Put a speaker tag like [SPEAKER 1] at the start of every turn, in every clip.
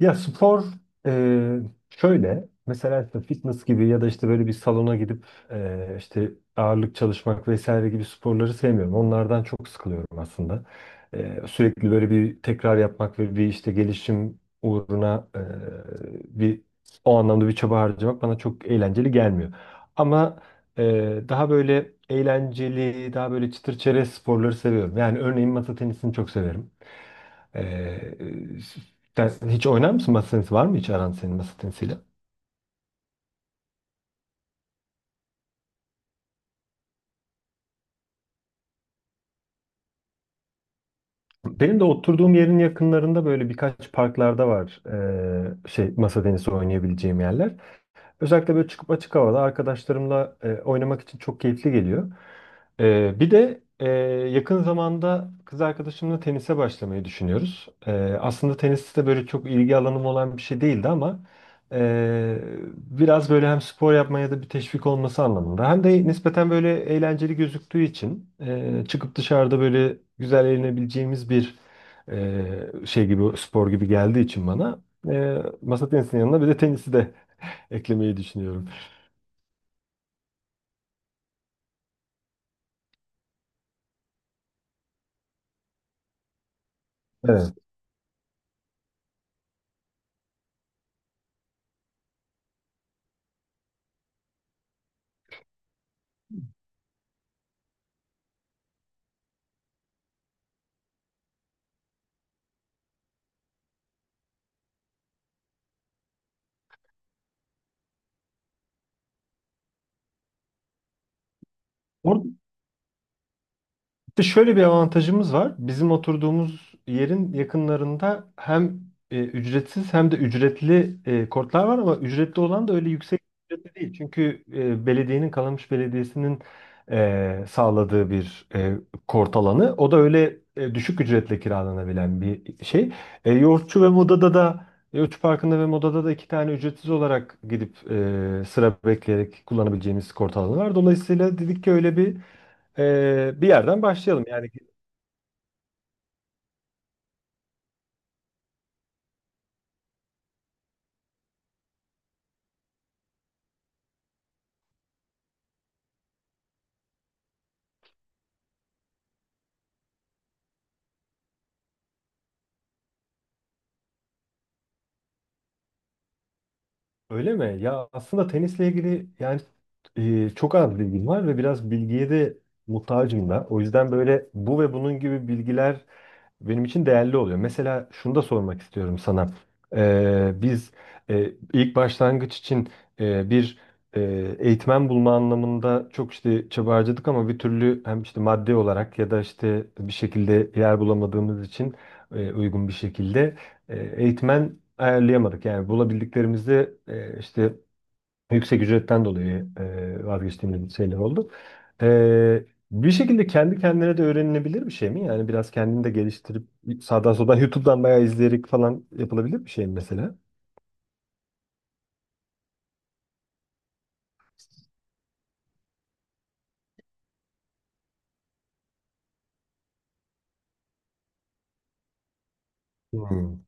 [SPEAKER 1] Ya spor e, şöyle mesela işte fitness gibi ya da işte böyle bir salona gidip işte ağırlık çalışmak vesaire gibi sporları sevmiyorum. Onlardan çok sıkılıyorum aslında. Sürekli böyle bir tekrar yapmak ve bir işte gelişim uğruna bir o anlamda bir çaba harcamak bana çok eğlenceli gelmiyor. Ama e, daha böyle eğlenceli, daha böyle çıtır çerez sporları seviyorum. Yani örneğin masa tenisini çok severim. Ee, sen hiç oynar mısın masa tenisi? Var mı hiç aran senin masa tenisiyle? Benim de oturduğum yerin yakınlarında böyle birkaç parklarda var şey masa tenisi oynayabileceğim yerler. Özellikle böyle çıkıp açık havada arkadaşlarımla oynamak için çok keyifli geliyor. E, bir de yakın zamanda kız arkadaşımla tenise başlamayı düşünüyoruz. Aslında tenis de böyle çok ilgi alanım olan bir şey değildi ama e, biraz böyle hem spor yapmaya da bir teşvik olması anlamında hem de nispeten böyle eğlenceli gözüktüğü için çıkıp dışarıda böyle güzel eğlenebileceğimiz bir e, şey gibi spor gibi geldiği için bana masa tenisinin yanına bir de tenisi de eklemeyi düşünüyorum. Evet. Or- Bir de şöyle bir avantajımız var. Bizim oturduğumuz yerin yakınlarında hem ücretsiz hem de ücretli kortlar var ama ücretli olan da öyle yüksek ücretli değil. Çünkü belediyenin Kalamış Belediyesi'nin sağladığı bir kort alanı. O da öyle düşük ücretle kiralanabilen bir şey. E, Yoğurtçu ve Moda'da da Yoğurtçu Parkı'nda ve Moda'da da iki tane ücretsiz olarak gidip sıra bekleyerek kullanabileceğimiz kort alanı var. Dolayısıyla dedik ki öyle bir bir yerden başlayalım yani. Öyle mi? Ya aslında tenisle ilgili yani çok az bilgim var ve biraz bilgiye de muhtacım da. O yüzden böyle bu ve bunun gibi bilgiler benim için değerli oluyor. Mesela şunu da sormak istiyorum sana. Biz ilk başlangıç için bir e, eğitmen bulma anlamında çok işte çaba harcadık ama bir türlü hem işte maddi olarak ya da işte bir şekilde yer bulamadığımız için uygun bir şekilde eğitmen ayarlayamadık. Yani bulabildiklerimizde işte yüksek ücretten dolayı vazgeçtiğimiz şeyler oldu. E, Bir şekilde kendi kendine de öğrenilebilir bir şey mi? Yani biraz kendini de geliştirip sağdan soldan YouTube'dan bayağı izleyerek falan yapılabilir bir şey mi mesela? Hmm.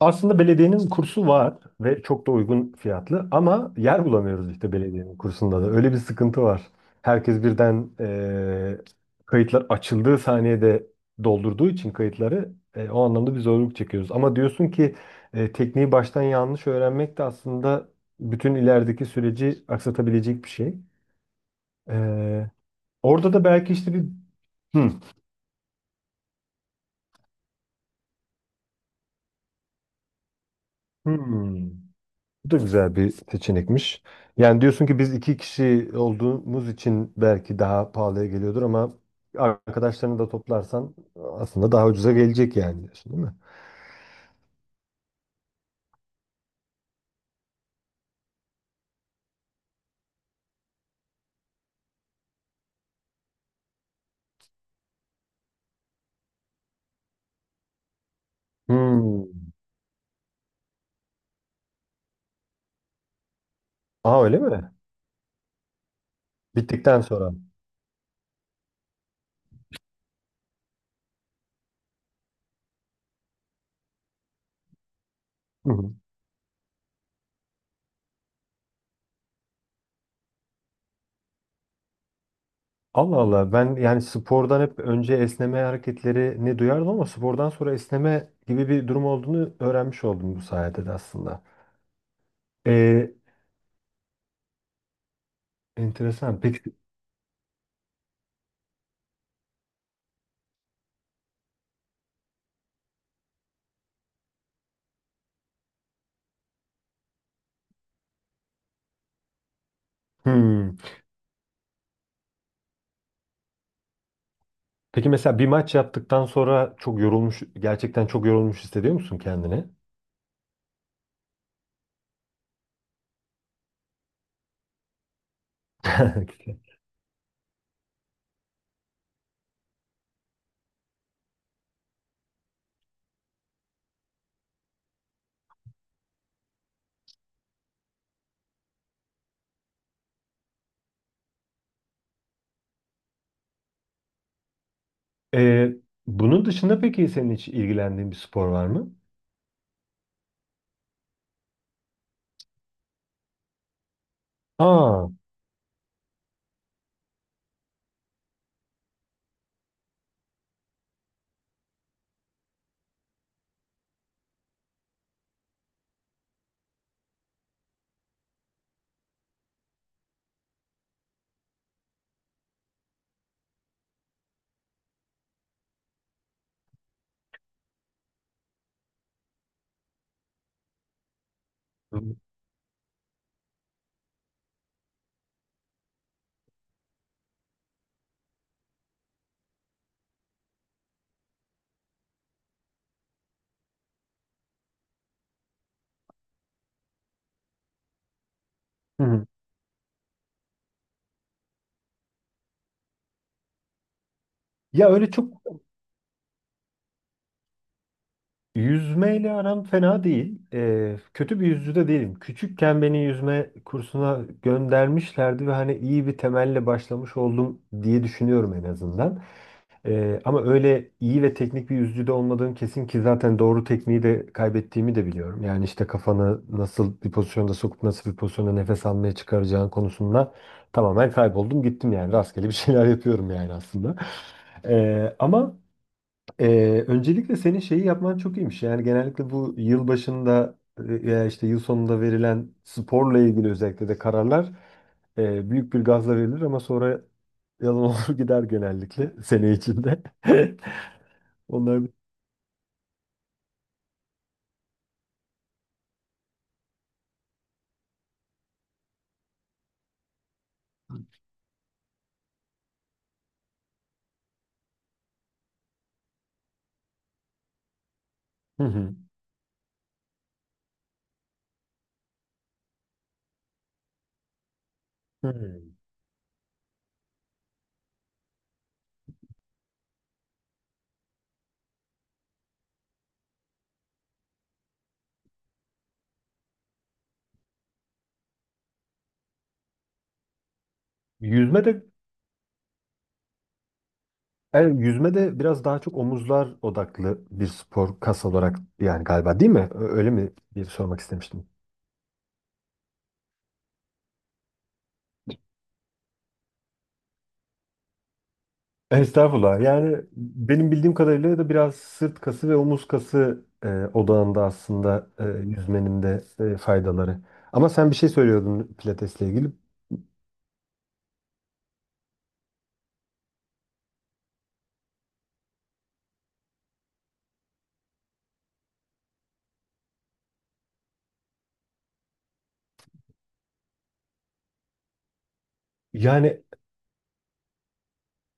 [SPEAKER 1] Aslında belediyenin kursu var ve çok da uygun fiyatlı ama yer bulamıyoruz işte belediyenin kursunda da. Öyle bir sıkıntı var. Herkes birden kayıtlar açıldığı saniyede doldurduğu için kayıtları o anlamda bir zorluk çekiyoruz. Ama diyorsun ki tekniği baştan yanlış öğrenmek de aslında bütün ilerideki süreci aksatabilecek bir şey. Eee, orada da belki işte bir. Hmm. Hmm. Bu da güzel bir seçenekmiş. Yani diyorsun ki biz iki kişi olduğumuz için belki daha pahalıya geliyordur ama arkadaşlarını da toplarsan aslında daha ucuza gelecek yani diyorsun değil mi? Hmm. Aa öyle mi? Bittikten sonra. Hı hı. Allah Allah, ben yani spordan hep önce esneme hareketleri ne duyardım ama spordan sonra esneme gibi bir durum olduğunu öğrenmiş oldum bu sayede de aslında. Ee, enteresan. Peki. Hmm. Peki mesela bir maç yaptıktan sonra çok yorulmuş, gerçekten çok yorulmuş hissediyor musun kendini? Ee, bunun dışında peki senin hiç ilgilendiğin bir spor var mı? Aa. Hı hı. Ya öyle çok yüzmeyle aram fena değil. Kötü bir yüzücü de değilim. Küçükken beni yüzme kursuna göndermişlerdi ve hani iyi bir temelle başlamış oldum diye düşünüyorum en azından. Ama öyle iyi ve teknik bir yüzücü de olmadığım kesin ki zaten doğru tekniği de kaybettiğimi de biliyorum. Yani işte kafanı nasıl bir pozisyonda sokup nasıl bir pozisyonda nefes almaya çıkaracağın konusunda tamamen kayboldum gittim yani rastgele bir şeyler yapıyorum yani aslında. Ama öncelikle senin şeyi yapman çok iyiymiş. Yani genellikle bu yıl başında veya işte yıl sonunda verilen sporla ilgili özellikle de kararlar büyük bir gazla verilir ama sonra yalan olur gider genellikle sene içinde. Onlar. Hı hı. Hı. Yüzme de yüzme de biraz daha çok omuzlar odaklı bir spor kas olarak yani galiba değil mi? Öyle mi diye sormak istemiştim. Estağfurullah. Yani benim bildiğim kadarıyla da biraz sırt kası ve omuz kası odağında aslında yüzmenin de faydaları. Ama sen bir şey söylüyordun pilatesle ilgili. Yani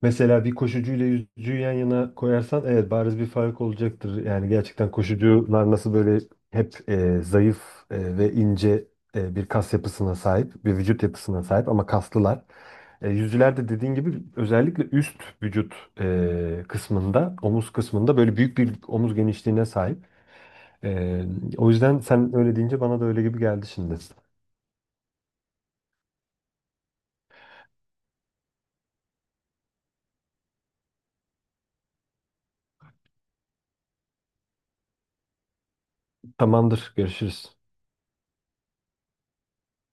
[SPEAKER 1] mesela bir koşucuyla yüzücüyü yan yana koyarsan evet bariz bir fark olacaktır. Yani gerçekten koşucular nasıl böyle hep zayıf ve ince bir kas yapısına sahip, bir vücut yapısına sahip ama kaslılar. E, yüzülerde dediğin gibi özellikle üst vücut kısmında, omuz kısmında böyle büyük bir omuz genişliğine sahip. E, o yüzden sen öyle deyince bana da öyle gibi geldi şimdi. Tamamdır, görüşürüz.